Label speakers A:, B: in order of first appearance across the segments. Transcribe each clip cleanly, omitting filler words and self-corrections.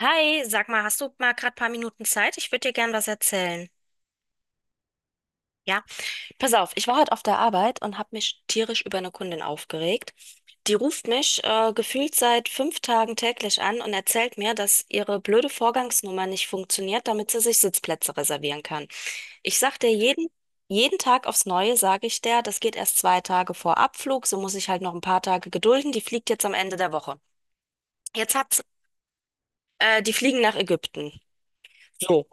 A: Hi, sag mal, hast du mal gerade paar Minuten Zeit? Ich würde dir gern was erzählen. Ja, pass auf, ich war heute auf der Arbeit und habe mich tierisch über eine Kundin aufgeregt. Die ruft mich gefühlt seit 5 Tagen täglich an und erzählt mir, dass ihre blöde Vorgangsnummer nicht funktioniert, damit sie sich Sitzplätze reservieren kann. Ich sag dir jeden Tag aufs Neue, sage ich der, das geht erst 2 Tage vor Abflug, so muss ich halt noch ein paar Tage gedulden. Die fliegt jetzt am Ende der Woche. Jetzt hat's, Die fliegen nach Ägypten. So.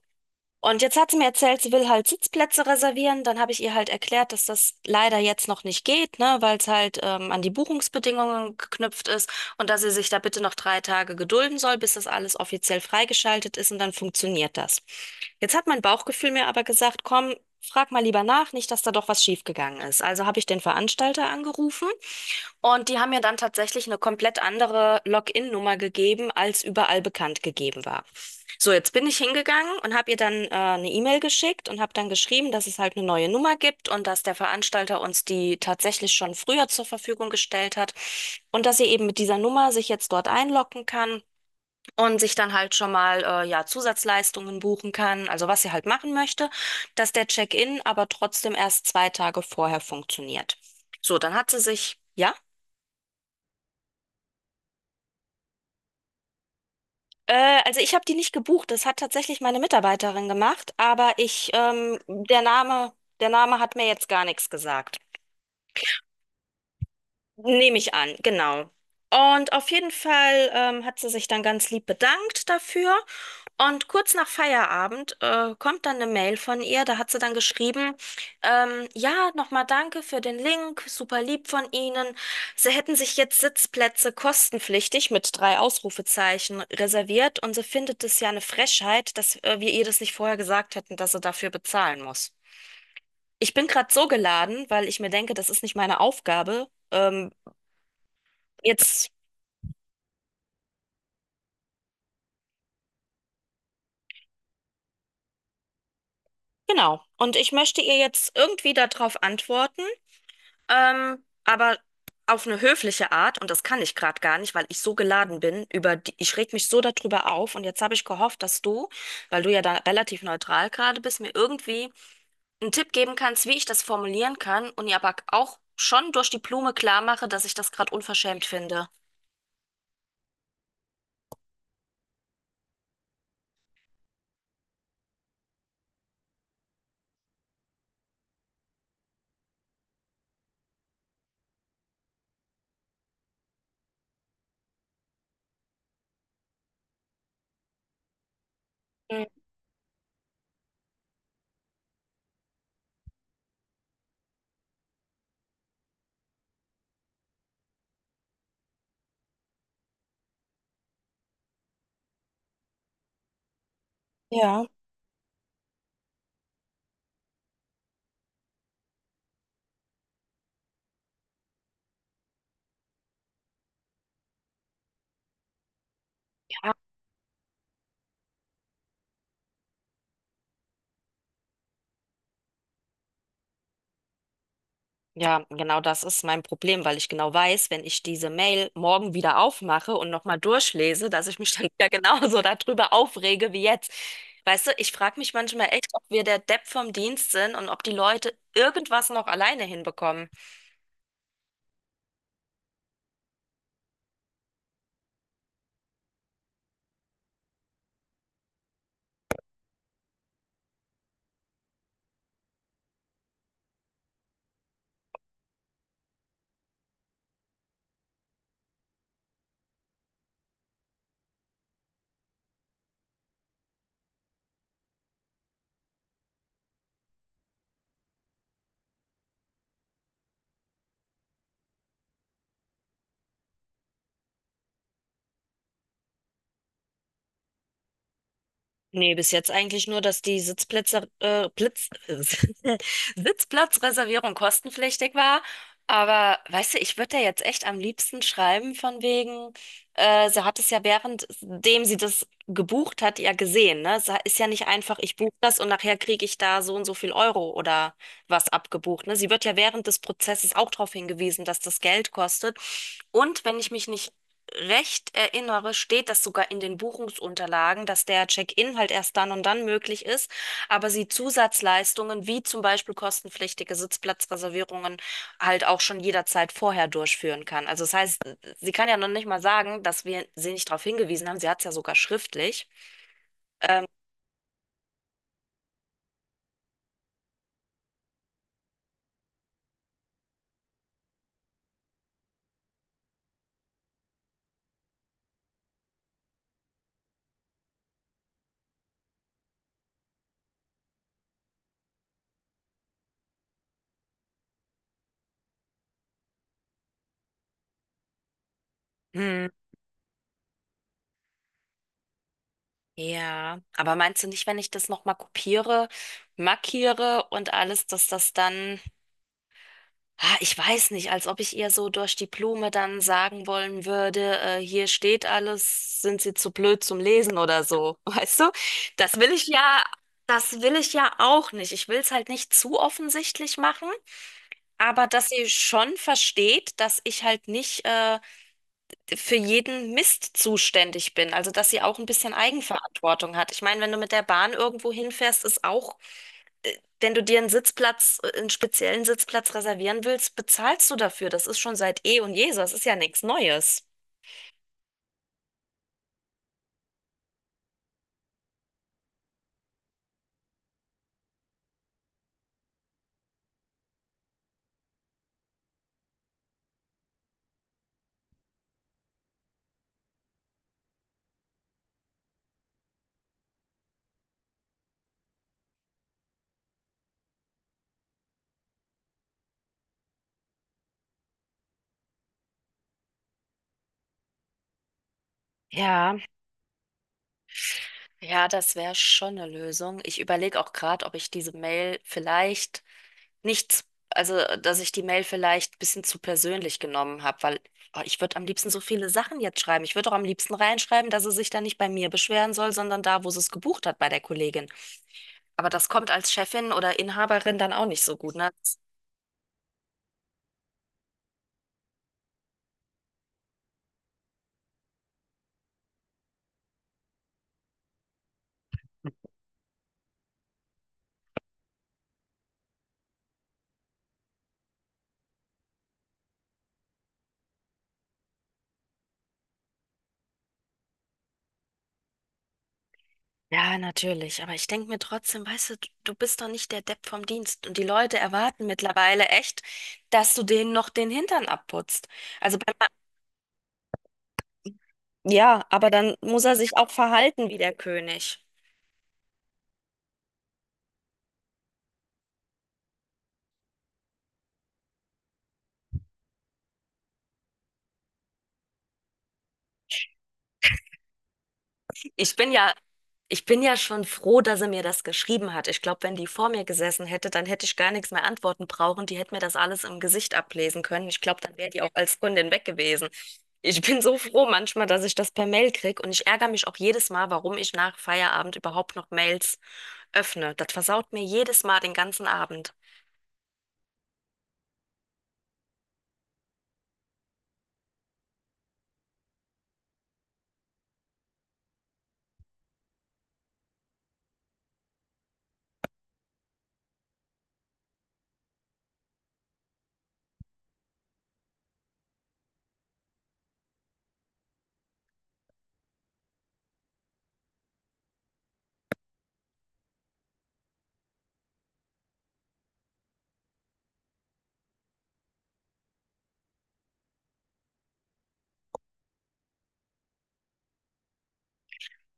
A: Und jetzt hat sie mir erzählt, sie will halt Sitzplätze reservieren. Dann habe ich ihr halt erklärt, dass das leider jetzt noch nicht geht, ne, weil es halt an die Buchungsbedingungen geknüpft ist und dass sie sich da bitte noch 3 Tage gedulden soll, bis das alles offiziell freigeschaltet ist und dann funktioniert das. Jetzt hat mein Bauchgefühl mir aber gesagt, komm, frag mal lieber nach, nicht, dass da doch was schiefgegangen ist. Also habe ich den Veranstalter angerufen und die haben mir dann tatsächlich eine komplett andere Login-Nummer gegeben, als überall bekannt gegeben war. So, jetzt bin ich hingegangen und habe ihr dann eine E-Mail geschickt und habe dann geschrieben, dass es halt eine neue Nummer gibt und dass der Veranstalter uns die tatsächlich schon früher zur Verfügung gestellt hat und dass sie eben mit dieser Nummer sich jetzt dort einloggen kann und sich dann halt schon mal ja Zusatzleistungen buchen kann, also was sie halt machen möchte, dass der Check-in aber trotzdem erst 2 Tage vorher funktioniert. So, dann hat sie sich ja also ich habe die nicht gebucht. Das hat tatsächlich meine Mitarbeiterin gemacht, der Name hat mir jetzt gar nichts gesagt. Nehme ich an, genau. Und auf jeden Fall hat sie sich dann ganz lieb bedankt dafür. Und kurz nach Feierabend kommt dann eine Mail von ihr, da hat sie dann geschrieben, ja, nochmal danke für den Link, super lieb von Ihnen. Sie hätten sich jetzt Sitzplätze kostenpflichtig mit drei Ausrufezeichen reserviert und sie findet es ja eine Frechheit, dass wir ihr das nicht vorher gesagt hätten, dass sie dafür bezahlen muss. Ich bin gerade so geladen, weil ich mir denke, das ist nicht meine Aufgabe. Jetzt, genau. Und ich möchte ihr jetzt irgendwie darauf antworten. Aber auf eine höfliche Art, und das kann ich gerade gar nicht, weil ich so geladen bin, über die, ich reg mich so darüber auf und jetzt habe ich gehofft, dass du, weil du ja da relativ neutral gerade bist, mir irgendwie einen Tipp geben kannst, wie ich das formulieren kann und ihr aber auch schon durch die Blume klar mache, dass ich das gerade unverschämt finde. Mhm. Ja. Ja, genau das ist mein Problem, weil ich genau weiß, wenn ich diese Mail morgen wieder aufmache und nochmal durchlese, dass ich mich dann wieder genauso darüber aufrege wie jetzt. Weißt du, ich frage mich manchmal echt, ob wir der Depp vom Dienst sind und ob die Leute irgendwas noch alleine hinbekommen. Nee, bis jetzt eigentlich nur, dass die Sitzplatzreservierung kostenpflichtig war. Aber weißt du, ich würde da jetzt echt am liebsten schreiben, von wegen, sie hat es ja währenddem sie das gebucht hat, ja gesehen, ne? Es ist ja nicht einfach, ich buche das und nachher kriege ich da so und so viel Euro oder was abgebucht, ne? Sie wird ja während des Prozesses auch darauf hingewiesen, dass das Geld kostet. Und wenn ich mich nicht recht erinnere, steht das sogar in den Buchungsunterlagen, dass der Check-in halt erst dann und dann möglich ist, aber sie Zusatzleistungen wie zum Beispiel kostenpflichtige Sitzplatzreservierungen halt auch schon jederzeit vorher durchführen kann. Also das heißt, sie kann ja noch nicht mal sagen, dass wir sie nicht darauf hingewiesen haben. Sie hat es ja sogar schriftlich. Hm. Ja, aber meinst du nicht, wenn ich das nochmal kopiere, markiere und alles, dass das dann Ah, ich weiß nicht, als ob ich ihr so durch die Blume dann sagen wollen würde, hier steht alles, sind Sie zu blöd zum Lesen oder so, weißt du? Das will ich ja, das will ich ja auch nicht. Ich will es halt nicht zu offensichtlich machen, aber dass sie schon versteht, dass ich halt nicht für jeden Mist zuständig bin. Also dass sie auch ein bisschen Eigenverantwortung hat. Ich meine, wenn du mit der Bahn irgendwo hinfährst, ist auch wenn du dir einen einen speziellen Sitzplatz reservieren willst, bezahlst du dafür. Das ist schon seit eh und je so. Das ist ja nichts Neues. Ja, ja, das wäre schon eine Lösung. Ich überlege auch gerade, ob ich diese Mail vielleicht nicht, dass ich die Mail vielleicht ein bisschen zu persönlich genommen habe, weil oh, ich würde am liebsten so viele Sachen jetzt schreiben. Ich würde auch am liebsten reinschreiben, dass sie sich da nicht bei mir beschweren soll, sondern da, wo sie es gebucht hat, bei der Kollegin. Aber das kommt als Chefin oder Inhaberin dann auch nicht so gut, ne? Ja, natürlich. Aber ich denke mir trotzdem, weißt du, du bist doch nicht der Depp vom Dienst. Und die Leute erwarten mittlerweile echt, dass du denen noch den Hintern abputzt. Also, bei, ja, aber dann muss er sich auch verhalten wie der König. Ich bin ja, ich bin ja schon froh, dass sie mir das geschrieben hat. Ich glaube, wenn die vor mir gesessen hätte, dann hätte ich gar nichts mehr antworten brauchen. Die hätte mir das alles im Gesicht ablesen können. Ich glaube, dann wäre die auch als Kundin weg gewesen. Ich bin so froh manchmal, dass ich das per Mail krieg und ich ärgere mich auch jedes Mal, warum ich nach Feierabend überhaupt noch Mails öffne. Das versaut mir jedes Mal den ganzen Abend.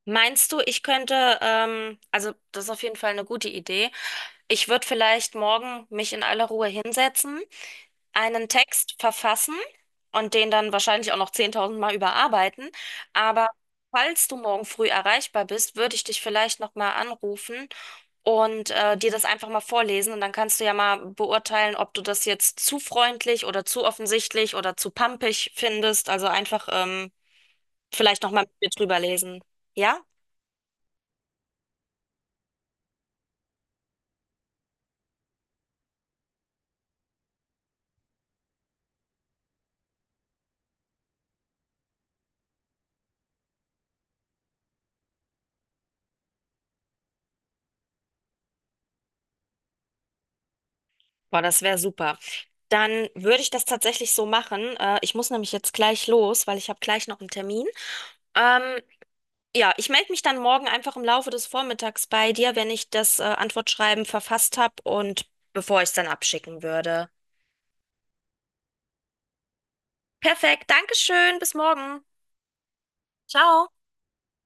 A: Meinst du, also das ist auf jeden Fall eine gute Idee. Ich würde vielleicht morgen mich in aller Ruhe hinsetzen, einen Text verfassen und den dann wahrscheinlich auch noch 10.000 Mal überarbeiten. Aber falls du morgen früh erreichbar bist, würde ich dich vielleicht nochmal anrufen und dir das einfach mal vorlesen. Und dann kannst du ja mal beurteilen, ob du das jetzt zu freundlich oder zu offensichtlich oder zu pampig findest. Also einfach vielleicht nochmal mit mir drüber lesen. Ja? Boah, das wäre super. Dann würde ich das tatsächlich so machen. Ich muss nämlich jetzt gleich los, weil ich habe gleich noch einen Termin. Ähm, Ja, ich melde mich dann morgen einfach im Laufe des Vormittags bei dir, wenn ich das Antwortschreiben verfasst habe und bevor ich es dann abschicken würde. Perfekt, Dankeschön, bis morgen. Ciao.